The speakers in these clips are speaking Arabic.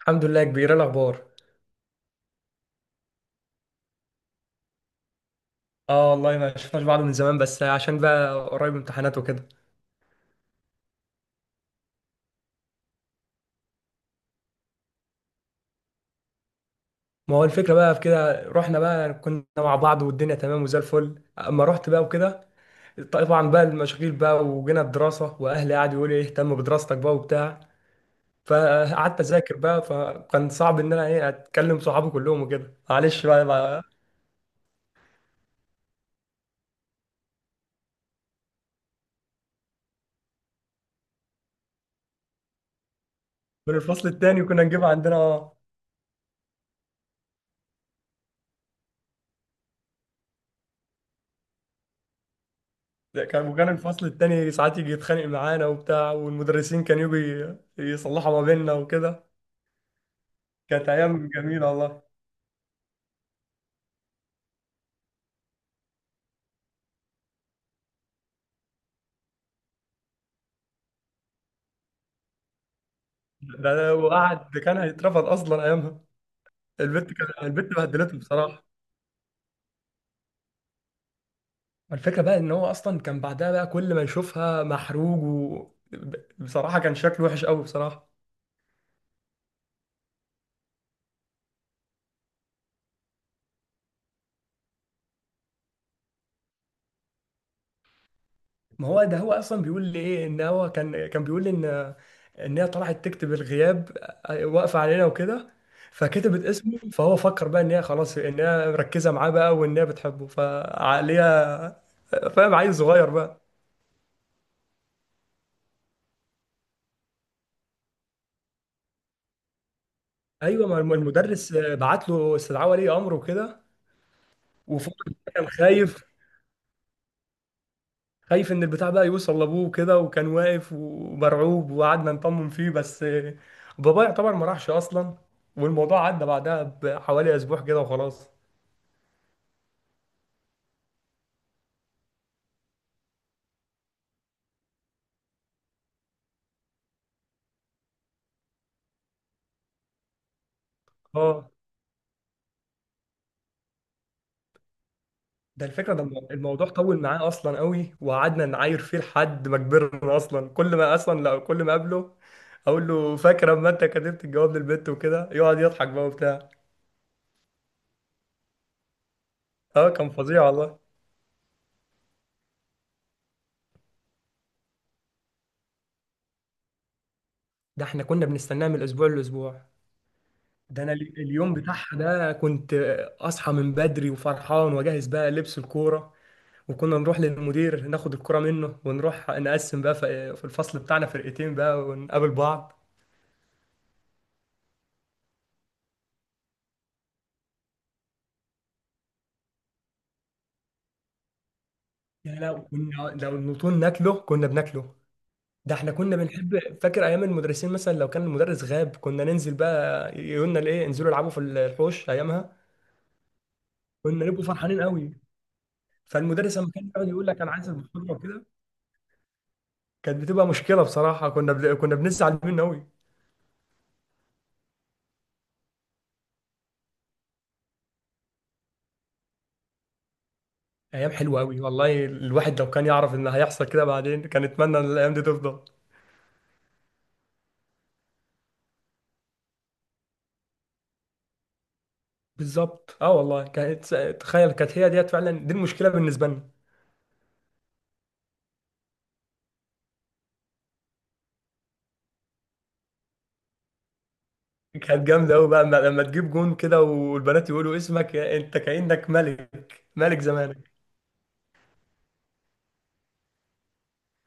الحمد لله يا كبير، إيه الاخبار؟ اه والله ما شفناش بعض من زمان، بس عشان بقى قريب امتحانات وكده. ما هو الفكره بقى في كده، رحنا بقى كنا مع بعض والدنيا تمام وزي الفل، اما رحت بقى وكده طبعا بقى المشاغل بقى وجينا الدراسه، واهلي قعدوا يقولوا ايه اهتم بدراستك بقى وبتاع. فقعدت اذاكر بقى، فكان صعب ان انا ايه اتكلم صحابي كلهم وكده، معلش بقى, بقى من الفصل التاني كنا نجيب عندنا كان وكان الفصل التاني ساعات يجي يتخانق معانا وبتاع، والمدرسين كانوا يجوا يصلحوا ما بيننا وكده. كانت ايام جميله والله. ده وقعد ده كان هيترفض اصلا ايامها. البت كان البت بهدلته بصراحه. الفكره بقى ان هو اصلا كان بعدها بقى كل ما يشوفها محروج. و بصراحه كان شكله وحش قوي بصراحه. ما هو ده هو اصلا بيقول لي ايه ان هو كان بيقول لي ان ان هي طلعت تكتب الغياب، واقفه علينا وكده. فكتبت اسمه، فهو فكر بقى ان هي خلاص ان هي مركزه معاه بقى، وان هي بتحبه. فعقليه فاهم، عيل صغير بقى. ايوه، ما المدرس بعت له استدعاء ولي امر وكده. وفضل كان خايف، خايف ان البتاع بقى يوصل لابوه وكده، وكان واقف ومرعوب وقعدنا نطمن فيه، بس بابا يعتبر ما راحش اصلا. والموضوع عدى بعدها بحوالي اسبوع كده وخلاص. اه، ده الفكره ده الموضوع طول معاه اصلا قوي، وقعدنا نعاير فيه لحد ما كبرنا اصلا. كل ما اصلا، لا، كل ما اقابله اقول له فاكر اما انت كتبت الجواب للبنت وكده، يقعد يضحك بقى وبتاع. اه، كان فظيع والله. ده احنا كنا بنستناه من الاسبوع للاسبوع. ده انا اليوم بتاعها ده كنت اصحى من بدري وفرحان واجهز بقى لبس الكوره، وكنا نروح للمدير ناخد الكوره منه، ونروح نقسم بقى في الفصل بتاعنا فرقتين بقى ونقابل بعض. يا لا كنا لو النطول ناكله كنا بناكله. ده احنا كنا بنحب، فاكر ايام المدرسين مثلا لو كان المدرس غاب كنا ننزل بقى، يقولنا الايه انزلوا العبوا في الحوش ايامها. كنا نبقوا فرحانين قوي. فالمدرس لما كان يقعد يقول لك انا عايز البطوله وكده، كانت بتبقى مشكله بصراحه، كنا كنا بنزعل منه قوي. ايام حلوه قوي والله. الواحد لو كان يعرف ان هيحصل كده بعدين، كان يتمنى ان الايام دي تفضل. بالظبط، اه والله، كانت تخيل كانت هي ديت فعلا دي المشكله بالنسبه لنا. كانت جامده قوي بقى لما لما تجيب جون كده، والبنات يقولوا اسمك يا- انت كانك ملك، ملك زمانك.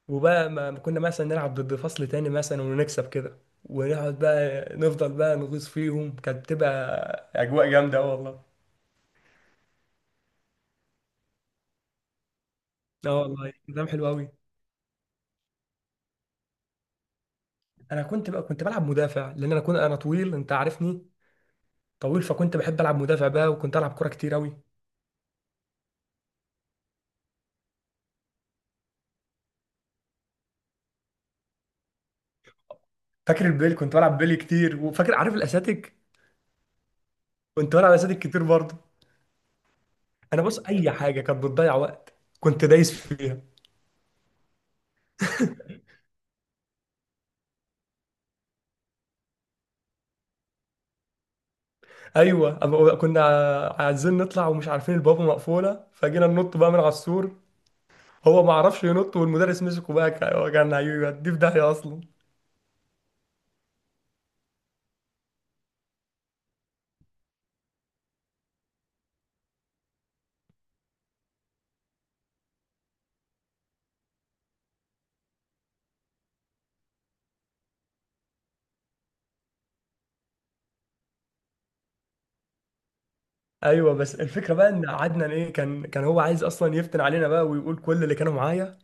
وبقى ما كنا مثلا نلعب ضد فصل تاني مثلا ونكسب كده، ونقعد بقى نفضل بقى نغيظ فيهم، كانت بتبقى اجواء جامده اه والله. اه والله كلام حلو قوي. انا كنت بقى كنت بلعب مدافع، لان انا كنت انا طويل، انت عارفني طويل، فكنت بحب العب مدافع بقى، وكنت العب كوره كتير قوي. فاكر البيلي، كنت بلعب بيلي كتير. وفاكر عارف الاساتيك، كنت بلعب اساتيك كتير برضه. انا بص، اي حاجه كانت بتضيع وقت كنت دايس فيها. ايوه، أما كنا عايزين نطلع ومش عارفين البوابه مقفوله، فجينا ننط بقى من على السور، هو ما عرفش ينط والمدرس مسكه بقى كان هيوديه في داهيه اصلا. ايوه، بس الفكره بقى ان عدنان ايه كان هو عايز اصلا يفتن علينا بقى ويقول كل اللي كانوا معايا.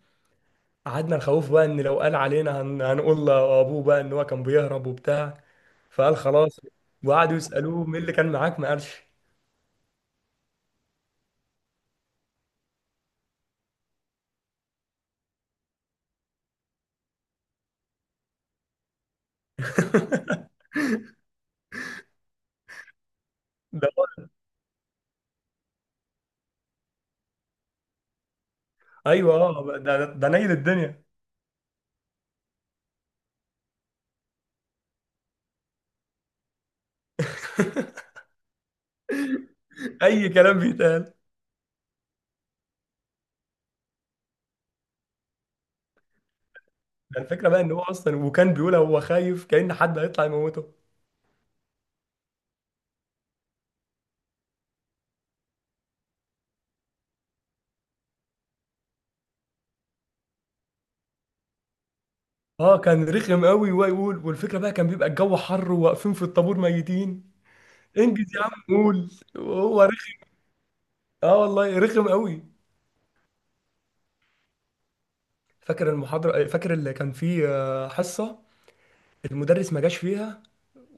قعدنا نخوفه بقى ان لو قال علينا هنقول لابوه بقى ان هو كان بيهرب وبتاع، فقال خلاص. وقعدوا يسالوه مين اللي كان معاك، ما قالش. ده هو- ايوه، اه، ده نيل الدنيا. اي كلام بيتقال. ده الفكره بقى ان هو اصلا، وكان بيقول هو خايف كأن حد هيطلع يموته. اه كان رخم قوي ويقول، والفكره بقى كان بيبقى الجو حر وواقفين في الطابور ميتين، انجز يا عم قول، وهو رخم. اه والله رخم قوي. فاكر المحاضره، فاكر اللي كان فيه حصه المدرس ما جاش فيها،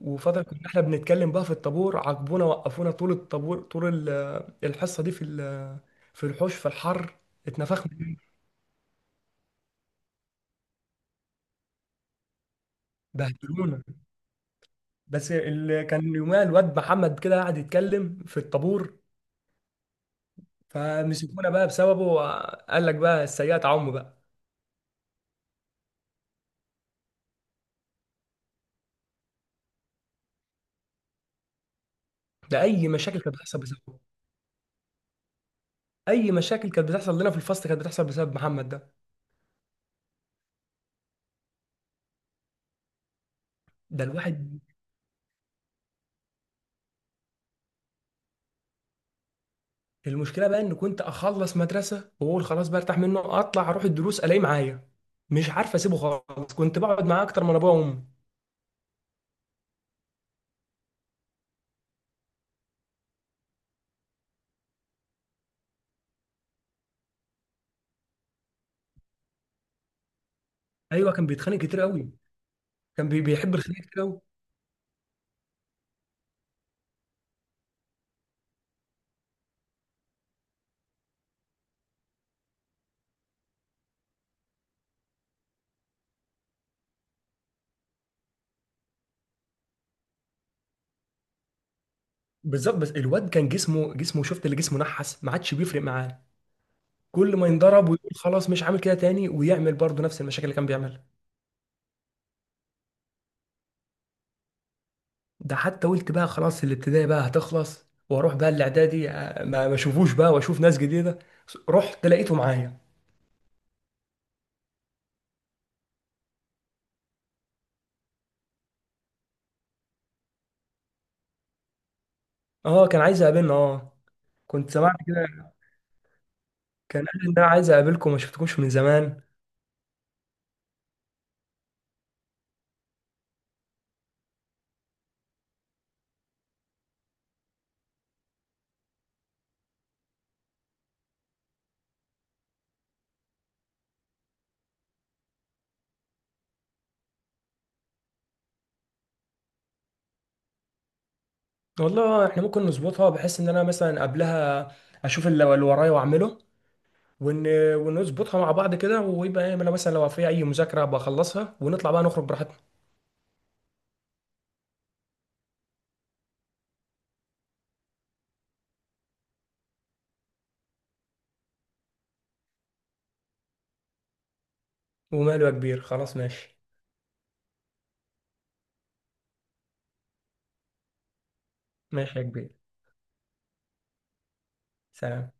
وفترة كنا احنا بنتكلم بقى في الطابور، عاقبونا وقفونا طول الطابور طول الحصة دي في في الحوش في الحر. اتنفخنا، بهدلونا. بس اللي كان يومها الواد محمد كده قاعد يتكلم في الطابور، فمسكونا بقى بسببه. قال لك بقى السيئات عم بقى. ده اي مشاكل كانت بتحصل بسببه. اي مشاكل كانت بتحصل لنا في الفصل كانت بتحصل بسبب محمد ده. ده الواحد المشكله بقى ان كنت اخلص مدرسه واقول خلاص بقى ارتاح منه، اطلع اروح الدروس الاقيه معايا. مش عارف اسيبه خالص، كنت بقعد معاه اكتر من ابويا وامي. ايوه، كان بيتخانق كتير قوي، كان بيحب الخناق كتير قوي. بالظبط، بس الواد كان جسمه، جسمه شفت اللي جسمه نحس ما عادش بيفرق معاه. كل ما ينضرب ويقول خلاص مش عامل كده تاني، ويعمل برضه نفس المشاكل اللي كان بيعملها. ده حتى قلت بقى خلاص الابتدائي بقى هتخلص واروح بقى الاعدادي، ما اشوفوش بقى واشوف ناس جديده، رحت لقيته معايا. اه كان عايز يقابلنا اه، كنت سمعت كده، كان قال ان انا عايز اقابلكم ما شفتكمش من زمان. والله احنا ممكن نظبطها بحيث ان انا مثلا قبلها اشوف اللي ورايا واعمله، ون... ونظبطها مع بعض كده، ويبقى ايه انا مثلا لو في اي مذاكره بخلصها، ونطلع بقى نخرج براحتنا. وماله يا كبير، خلاص ماشي. ماشي يا كبير، سلام.